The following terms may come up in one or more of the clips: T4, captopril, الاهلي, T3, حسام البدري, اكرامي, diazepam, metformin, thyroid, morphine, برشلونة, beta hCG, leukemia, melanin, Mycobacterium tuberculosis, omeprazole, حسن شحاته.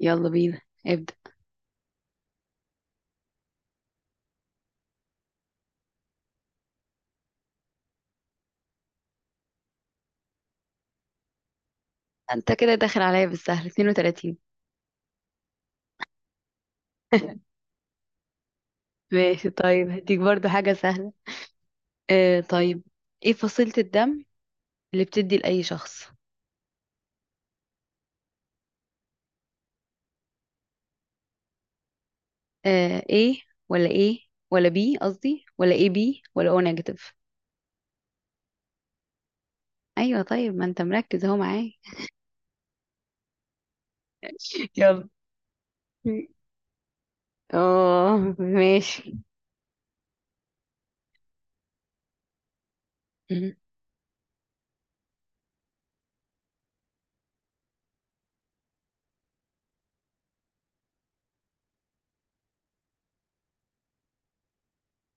يلا بينا. ابدأ. انت كده داخل عليا بالسهل 32. ماشي. طيب، هديك برضو حاجة سهلة. طيب. ايه فصيلة الدم اللي بتدي لأي شخص؟ ايه ولا ايه، ولا بي، قصدي، ولا ايه، بي، ولا او نيجاتيف؟ ايوه، طيب، ما انت مركز اهو معايا. يلا. اه، ماشي. مهم.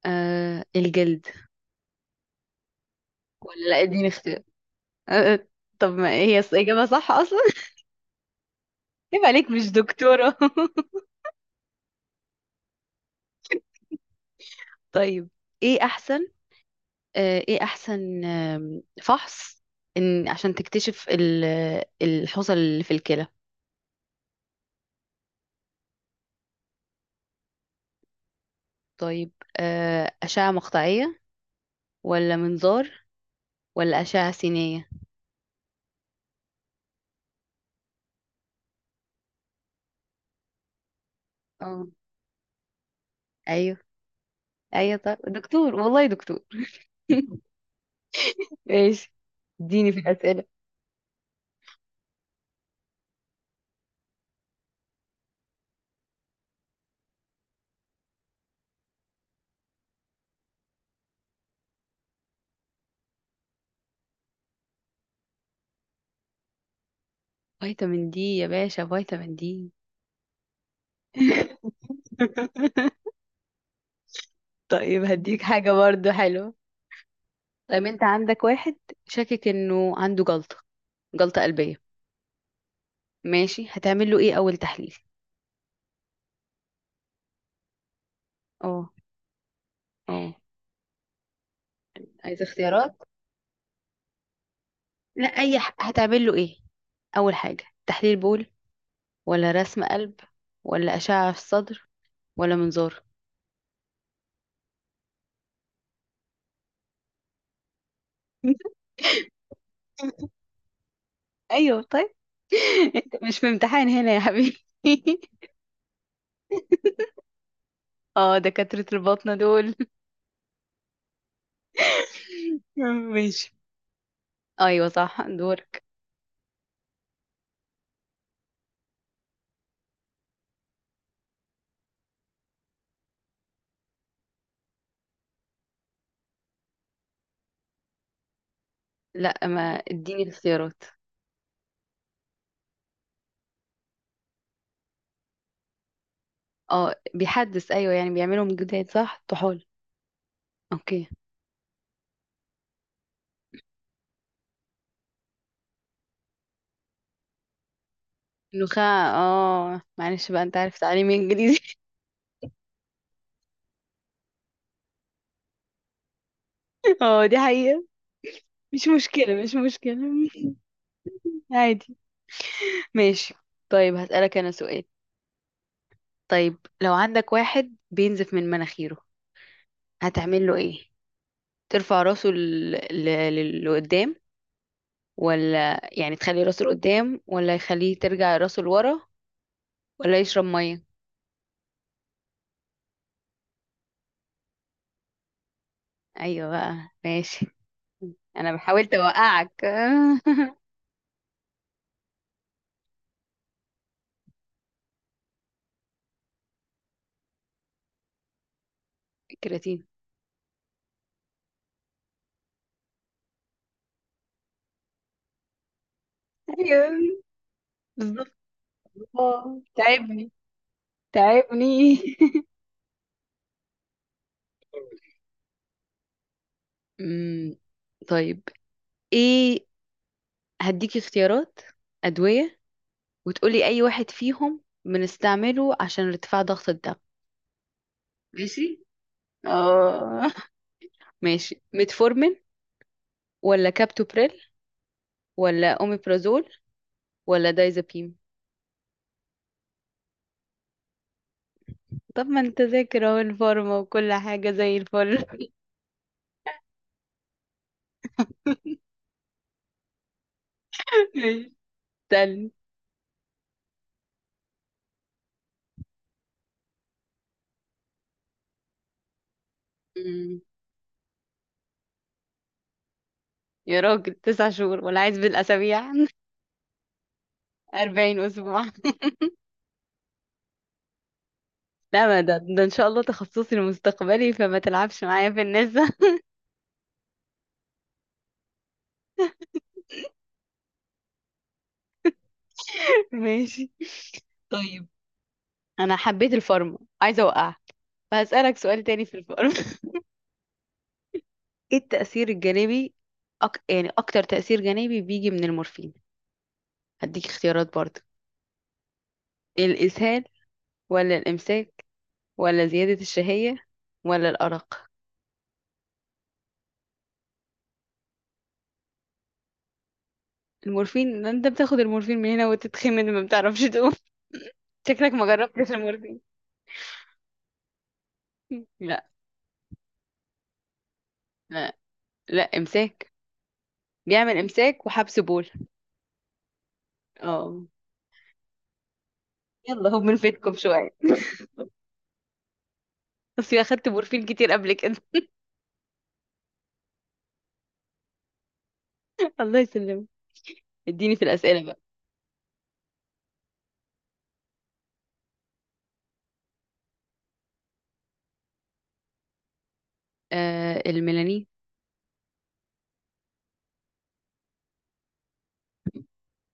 الجلد. ولا، لا، اديني اختيار. آه آه، طب ما هي إجابة صح أصلا؟ يبقى عليك مش دكتورة. طيب، ايه أحسن آه، ايه احسن فحص، ان عشان تكتشف الحصى اللي في الكلى. طيب، اشعة مقطعية، ولا منظار، ولا اشعة سينية؟ اه، ايوه، ايوه. طب دكتور، والله دكتور. ماشي. اديني في الاسئله. فيتامين دي يا باشا، فيتامين دي. طيب، هديك حاجه برضو حلوه. طيب، انت عندك واحد شاكك انه عنده جلطه قلبيه. ماشي، هتعمل له ايه اول تحليل؟ اه، اه، عايزة اختيارات. لا، هتعمل له ايه اول حاجة؟ تحليل بول، ولا رسم قلب، ولا اشعة في الصدر، ولا منظار؟ ايوه، طيب. انت مش في امتحان هنا يا حبيبي. اه، دكاترة الباطنة دول. ماشي. ايوه، صح، دورك. لا، ما اديني الاختيارات. اه، بيحدث، ايوه، يعني بيعملهم جداد. صح، طحال. اوكي. النخاع. اه معلش بقى، انت عارف تعليمي انجليزي. اه، دي حقيقة. مش مشكلة، مش مشكلة. عادي. ماشي. طيب، هسألك أنا سؤال. طيب، لو عندك واحد بينزف من مناخيره، هتعمل له إيه؟ ترفع راسه لقدام، ولا يعني تخلي راسه لقدام، ولا يخليه ترجع راسه لورا، ولا يشرب مية؟ أيوة بقى، ماشي، أنا حاولت أوقعك. كراتين. أيوة، بالظبط. تعبني، تعبني. أمم، طيب، إيه؟ هديك اختيارات أدوية، وتقولي أي واحد فيهم بنستعمله عشان ارتفاع ضغط الدم. ماشي، اه. ماشي. ميتفورمين، ولا كابتوبريل، ولا أوميبرازول، ولا دايزابيم؟ طب، ما انت ذاكر اهو الفارما وكل حاجة زي الفل. ماشي. تاني. أمم. يا راجل، تسع شهور، ولا عايز بالأسابيع؟ أربعين أسبوع. لا، ما ده إن شاء الله تخصصي المستقبلي، فما تلعبش معايا في النساء. ماشي، طيب. أنا حبيت الفارما، عايزة أوقع، فهسألك سؤال تاني في الفارما. ايه التأثير الجانبي، يعني اكتر تأثير جانبي بيجي من المورفين؟ هديك اختيارات برضه. الإسهال، ولا الإمساك، ولا زيادة الشهية، ولا الأرق؟ المورفين ده، انت بتاخد المورفين من هنا وتتخمن، ما بتعرفش تقوم. شكلك ما جربتش المورفين. لا، لا، لا إمساك. بيعمل إمساك وحبس بول. اه. يلا، هو من فيتكم شوية. بس اخدت مورفين كتير قبل كده. الله يسلمك. اديني في الأسئلة بقى. الميلانين.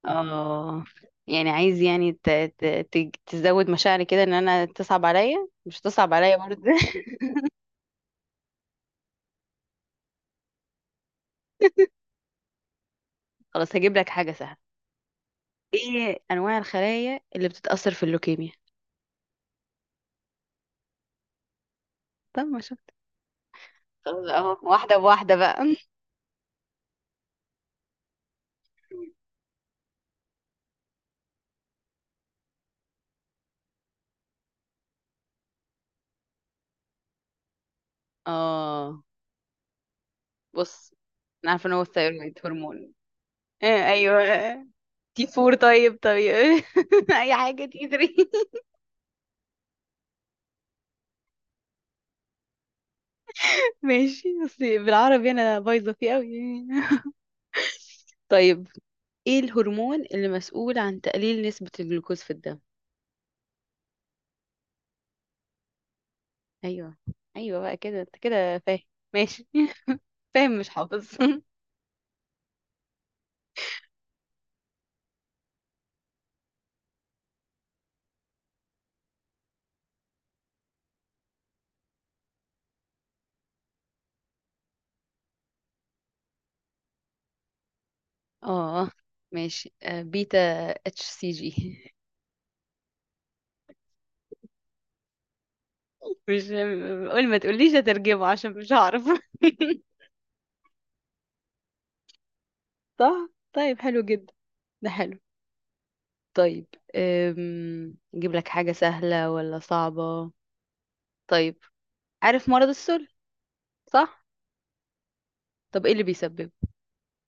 اه، يعني عايز، يعني تزود مشاعري كده، ان انا تصعب عليا مش تصعب عليا برضه. خلاص، هجيب لك حاجة سهلة. ايه انواع الخلايا اللي بتتأثر في اللوكيميا؟ طب، ما شفت. خلاص اهو، واحدة بواحدة بقى. اه، بص. انا عارفة ان هو الثيرويد هرمون. آه، ايوه. تي فور. طيب، طيب. اي حاجة، تي ثري. ماشي، بس بالعربي انا بايظة فيه قوي. طيب، ايه الهرمون اللي مسؤول عن تقليل نسبة الجلوكوز في الدم؟ ايوه، ايوه، بقى كده انت كده فاهم. ماشي. فاهم مش حافظ. اه، ماشي. بيتا اتش سي جي. مش، قول، ما تقوليش هترجمه، عشان مش هعرف. صح، طيب حلو جدا. ده حلو. طيب، نجيب لك حاجة سهلة ولا صعبة؟ طيب، عارف مرض السل، صح؟ طب، ايه اللي بيسببه؟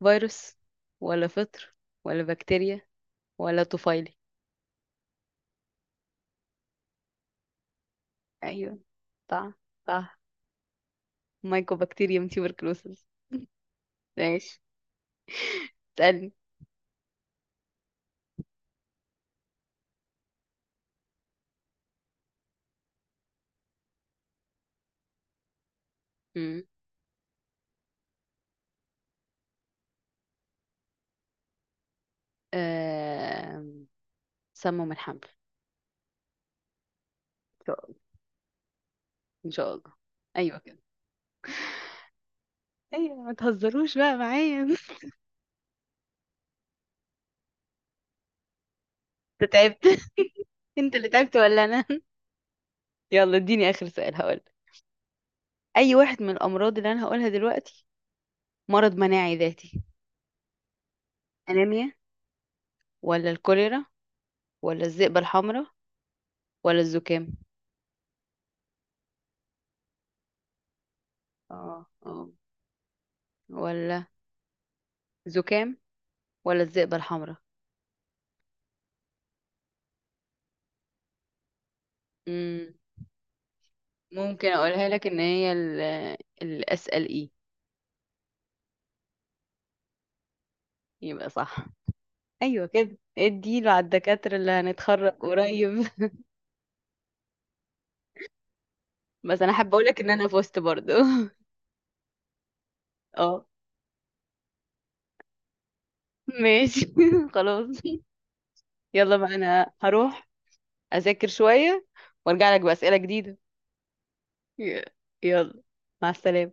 فيروس، ولا فطر، ولا بكتيريا، ولا طفيلي؟ ايوه، صح، صح. مايكوبكتيريوم تيوبركلوسيس. ماشي، اسألني. مم. آم، سموا من حمل. إن شاء الله، إن شاء الله. أيوة كده. أيوة، ما تهزروش بقى معايا. أنت تعبت؟ أنت اللي تعبت ولا أنا؟ يلا، اديني آخر سؤال. هقول أي واحد من الأمراض اللي أنا هقولها دلوقتي مرض مناعي ذاتي؟ أنيميا، ولا الكوليرا، ولا الذئبة الحمراء، ولا الزكام؟ اه، اه. ولا زكام، ولا الذئبة الحمراء. مم. ممكن أقولها لك إن هي الأسأل إيه؟ يبقى صح. ايوه كده، اديله على الدكاترة اللي هنتخرج قريب. بس انا حابة اقولك ان انا فزت برضو. اه، ماشي. خلاص. يلا بقى، انا هروح اذاكر شوية وارجع لك بأسئلة جديدة. ي- يلا، مع السلامة.